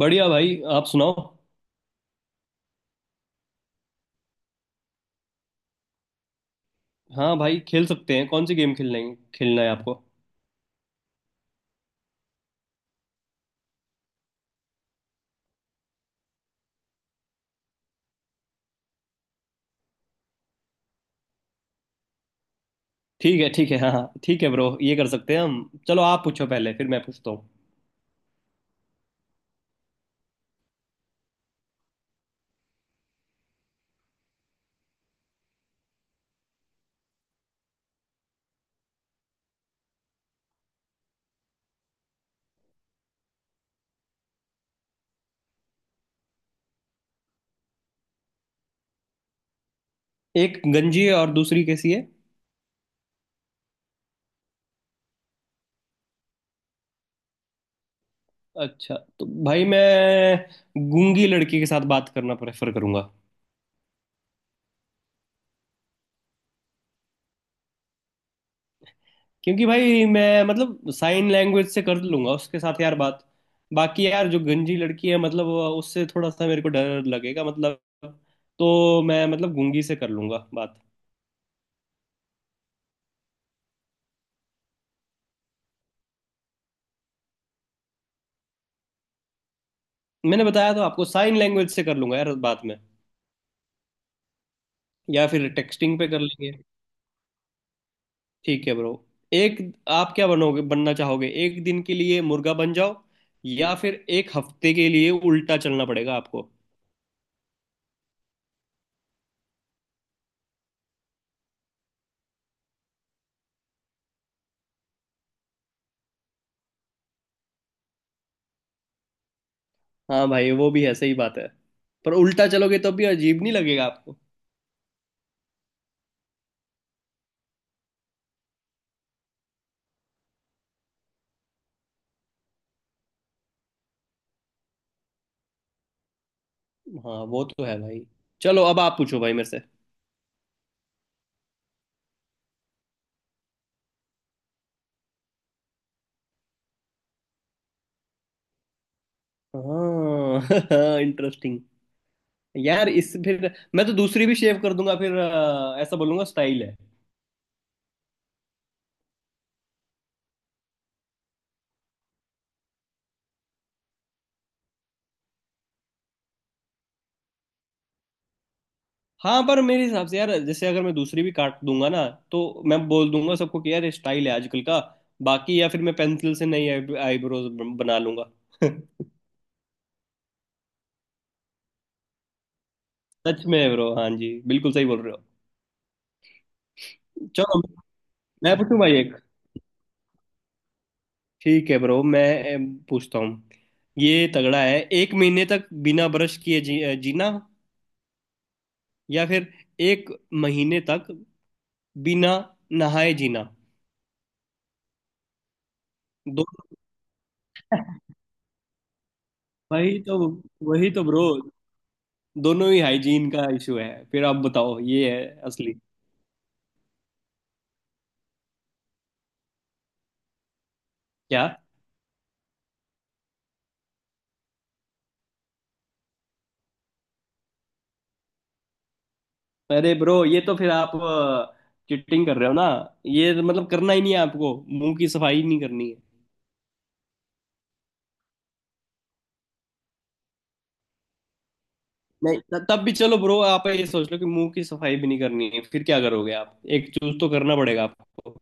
बढ़िया भाई, आप सुनाओ। हाँ भाई, खेल सकते हैं। कौन सी गेम खेलना है आपको? ठीक है, ठीक है, हाँ हाँ, ठीक है ब्रो, ये कर सकते हैं हम। चलो, आप पूछो पहले, फिर मैं पूछता हूँ। एक गंजी है और दूसरी कैसी है? अच्छा, तो भाई मैं गूंगी लड़की के साथ बात करना प्रेफर करूंगा। क्योंकि भाई मैं मतलब साइन लैंग्वेज से कर लूंगा उसके साथ यार बात। बाकी यार जो गंजी लड़की है, मतलब उससे थोड़ा सा मेरे को डर लगेगा मतलब। तो मैं मतलब गूंगी से कर लूंगा बात। मैंने बताया तो आपको, साइन लैंग्वेज से कर लूंगा यार बाद में। या फिर टेक्सटिंग पे कर लेंगे। ठीक है ब्रो। एक, आप क्या बनोगे? बनना चाहोगे एक दिन के लिए मुर्गा बन जाओ, या फिर एक हफ्ते के लिए उल्टा चलना पड़ेगा आपको? हाँ भाई, वो भी है, सही बात है। पर उल्टा चलोगे तो भी अजीब नहीं लगेगा आपको? हाँ, वो तो है भाई। चलो, अब आप पूछो भाई मेरे से। हाँ इंटरेस्टिंग। यार इस, फिर मैं तो दूसरी भी शेव कर दूंगा। फिर ऐसा बोलूंगा स्टाइल है। हाँ, पर मेरे हिसाब से यार, जैसे अगर मैं दूसरी भी काट दूंगा ना, तो मैं बोल दूंगा सबको कि यार ये स्टाइल है आजकल का। बाकी या फिर मैं पेंसिल से नई आईब्रोज बना लूंगा। सच में ब्रो, हाँ जी, बिल्कुल सही बोल रहे हो। चलो मैं पूछूं भाई एक। ठीक है ब्रो, मैं पूछता हूँ। ये तगड़ा है। एक महीने तक बिना ब्रश किए जीना, या फिर एक महीने तक बिना नहाए जीना? दो वही तो, वही तो ब्रो। दोनों ही हाइजीन का इशू है। फिर आप बताओ, ये है असली। क्या? अरे ब्रो, ये तो फिर आप चिटिंग कर रहे हो ना। ये तो मतलब करना ही नहीं है आपको। मुंह की सफाई नहीं करनी है। नहीं, तब भी चलो ब्रो, आप ये सोच लो कि मुंह की सफाई भी नहीं करनी है, फिर क्या करोगे आप? एक चूज तो करना पड़ेगा आपको।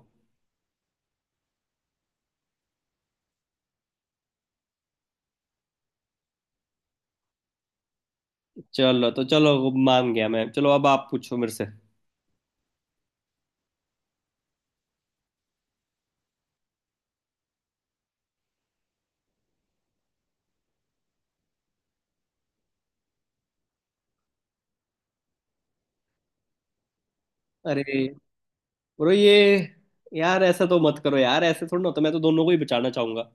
चलो तो, चलो मान गया मैं। चलो अब आप पूछो मेरे से। अरे ब्रो ये यार ऐसा तो मत करो यार, ऐसे थोड़ा ना होता। मैं तो दोनों को ही बचाना चाहूंगा।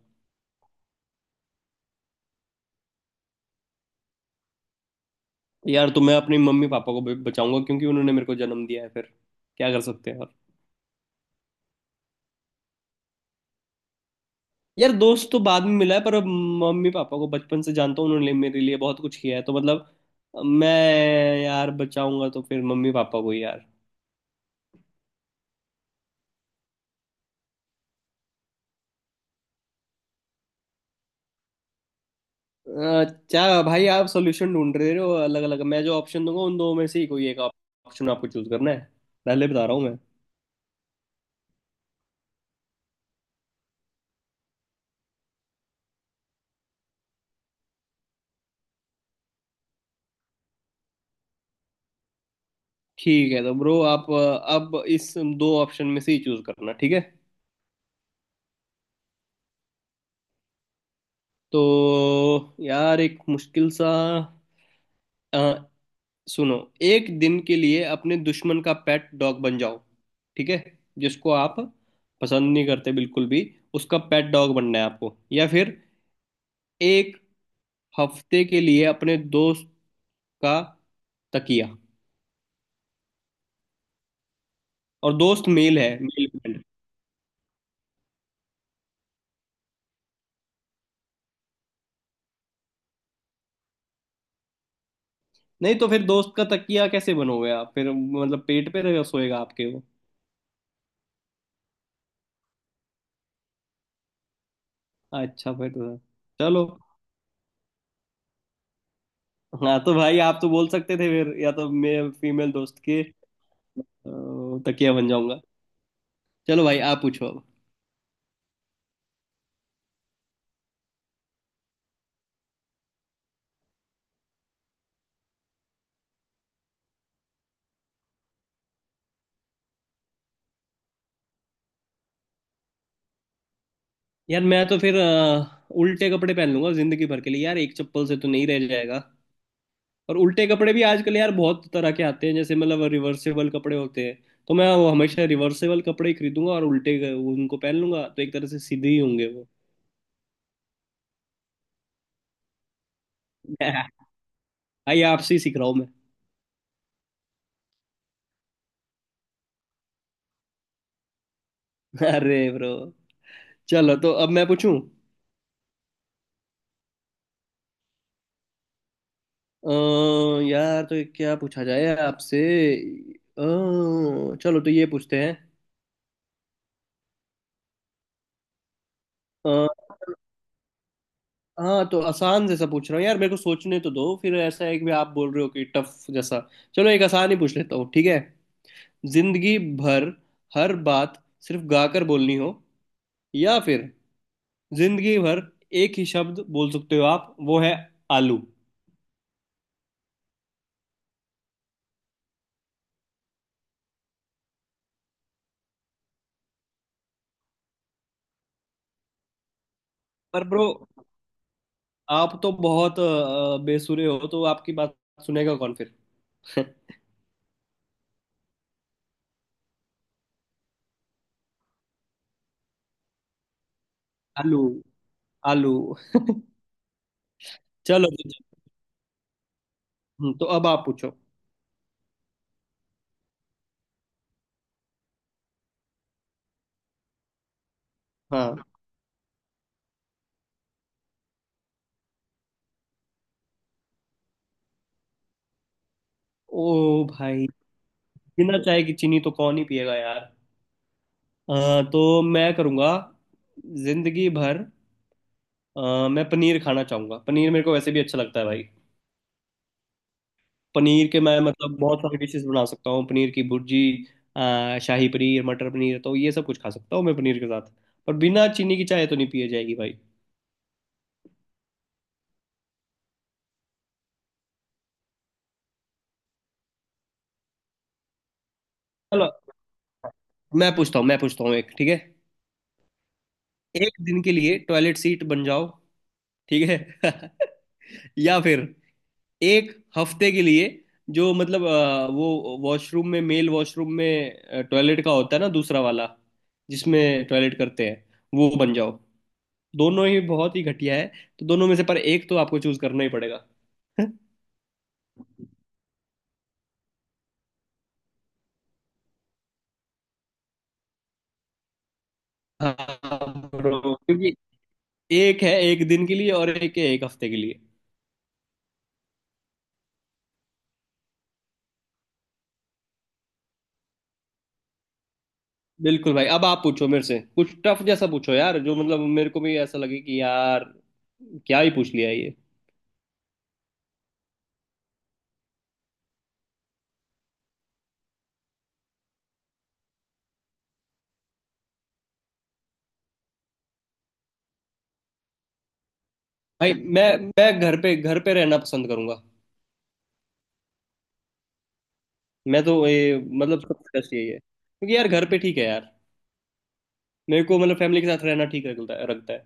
यार, तो मैं अपनी मम्मी पापा को भी बचाऊंगा क्योंकि उन्होंने मेरे को जन्म दिया है। फिर क्या कर सकते हैं और? यार दोस्त तो बाद में मिला है, पर अब मम्मी पापा को बचपन से जानता हूँ। उन्होंने मेरे लिए बहुत कुछ किया है, तो मतलब मैं यार बचाऊंगा तो फिर मम्मी पापा को ही यार। अच्छा भाई, आप सोल्यूशन ढूंढ रहे हो अलग अलग। मैं जो ऑप्शन दूंगा उन दो में से ही कोई एक ऑप्शन आपको चूज करना है। पहले बता रहा हूँ मैं। ठीक है, तो ब्रो आप अब इस दो ऑप्शन में से ही चूज करना, ठीक है। तो यार एक मुश्किल सा, अ, सुनो। एक दिन के लिए अपने दुश्मन का पेट डॉग बन जाओ, ठीक है, जिसको आप पसंद नहीं करते बिल्कुल भी, उसका पेट डॉग बनना है आपको, या फिर एक हफ्ते के लिए अपने दोस्त का तकिया। और दोस्त मेल है, मेल फ्रेंड। नहीं, तो फिर दोस्त का तकिया कैसे बनोगे आप? फिर मतलब पेट पे रहेगा, सोएगा आपके वो। अच्छा, फिर तो चलो। हाँ तो भाई, आप तो बोल सकते थे फिर, या तो मैं फीमेल दोस्त के तकिया बन जाऊंगा। चलो भाई, आप पूछो अब। यार मैं तो फिर उल्टे कपड़े पहन लूंगा जिंदगी भर के लिए। यार एक चप्पल से तो नहीं रह जाएगा। और उल्टे कपड़े भी आजकल यार बहुत तरह के आते हैं, जैसे मतलब रिवर्सेबल कपड़े होते हैं। तो मैं वो हमेशा रिवर्सेबल कपड़े ही खरीदूंगा और उनको पहन लूंगा, तो एक तरह से सीधे ही होंगे वो। आइए, आपसे ही सीख रहा हूँ। मैं अरे ब्रो। चलो तो अब मैं पूछूं। अ, यार तो क्या पूछा जाए आपसे? अ, चलो तो ये पूछते हैं। हाँ, तो आसान जैसा पूछ रहा हूँ यार, मेरे को सोचने तो दो फिर। ऐसा है कि आप बोल रहे हो कि टफ जैसा। चलो एक आसान ही पूछ लेता हूँ, ठीक है। जिंदगी भर हर बात सिर्फ गाकर बोलनी हो, या फिर जिंदगी भर एक ही शब्द बोल सकते हो आप, वो है आलू। पर ब्रो, आप तो बहुत बेसुरे हो, तो आपकी बात सुनेगा कौन फिर? आलू, आलू। चलो। तो अब आप पूछो। हाँ। ओ भाई, बिना चाय की चीनी तो कौन ही पिएगा यार। तो मैं करूँगा जिंदगी भर, मैं पनीर खाना चाहूँगा। पनीर मेरे को वैसे भी अच्छा लगता है भाई। पनीर के मैं मतलब बहुत सारी डिशेस बना सकता हूँ, पनीर की भुर्जी, शाही पनीर, मटर पनीर, तो ये सब कुछ खा सकता हूँ मैं पनीर के साथ। पर बिना चीनी की चाय तो नहीं पिए जाएगी भाई। चलो मैं पूछता हूँ एक, ठीक है। एक दिन के लिए टॉयलेट सीट बन जाओ, ठीक है, या फिर एक हफ्ते के लिए जो मतलब वो वॉशरूम में, मेल वॉशरूम में टॉयलेट का होता है ना दूसरा वाला, जिसमें टॉयलेट करते हैं, वो बन जाओ। दोनों ही बहुत ही घटिया है, तो दोनों में से पर एक तो आपको चूज करना ही पड़ेगा। हाँ bro, क्योंकि एक है एक दिन के लिए और एक है एक हफ्ते के लिए। बिल्कुल भाई, अब आप पूछो मेरे से कुछ टफ जैसा पूछो यार, जो मतलब मेरे को भी ऐसा लगे कि यार क्या ही पूछ लिया ये। भाई मैं घर पे रहना पसंद करूंगा। मैं तो ये मतलब सबसे बेस्ट यही है, क्योंकि यार घर पे ठीक है यार, मेरे को मतलब फैमिली के साथ रहना ठीक लगता है, रखता है।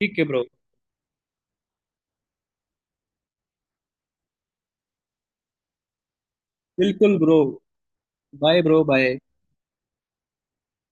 ठीक है ब्रो। बिल्कुल ब्रो। Bye bro, bye.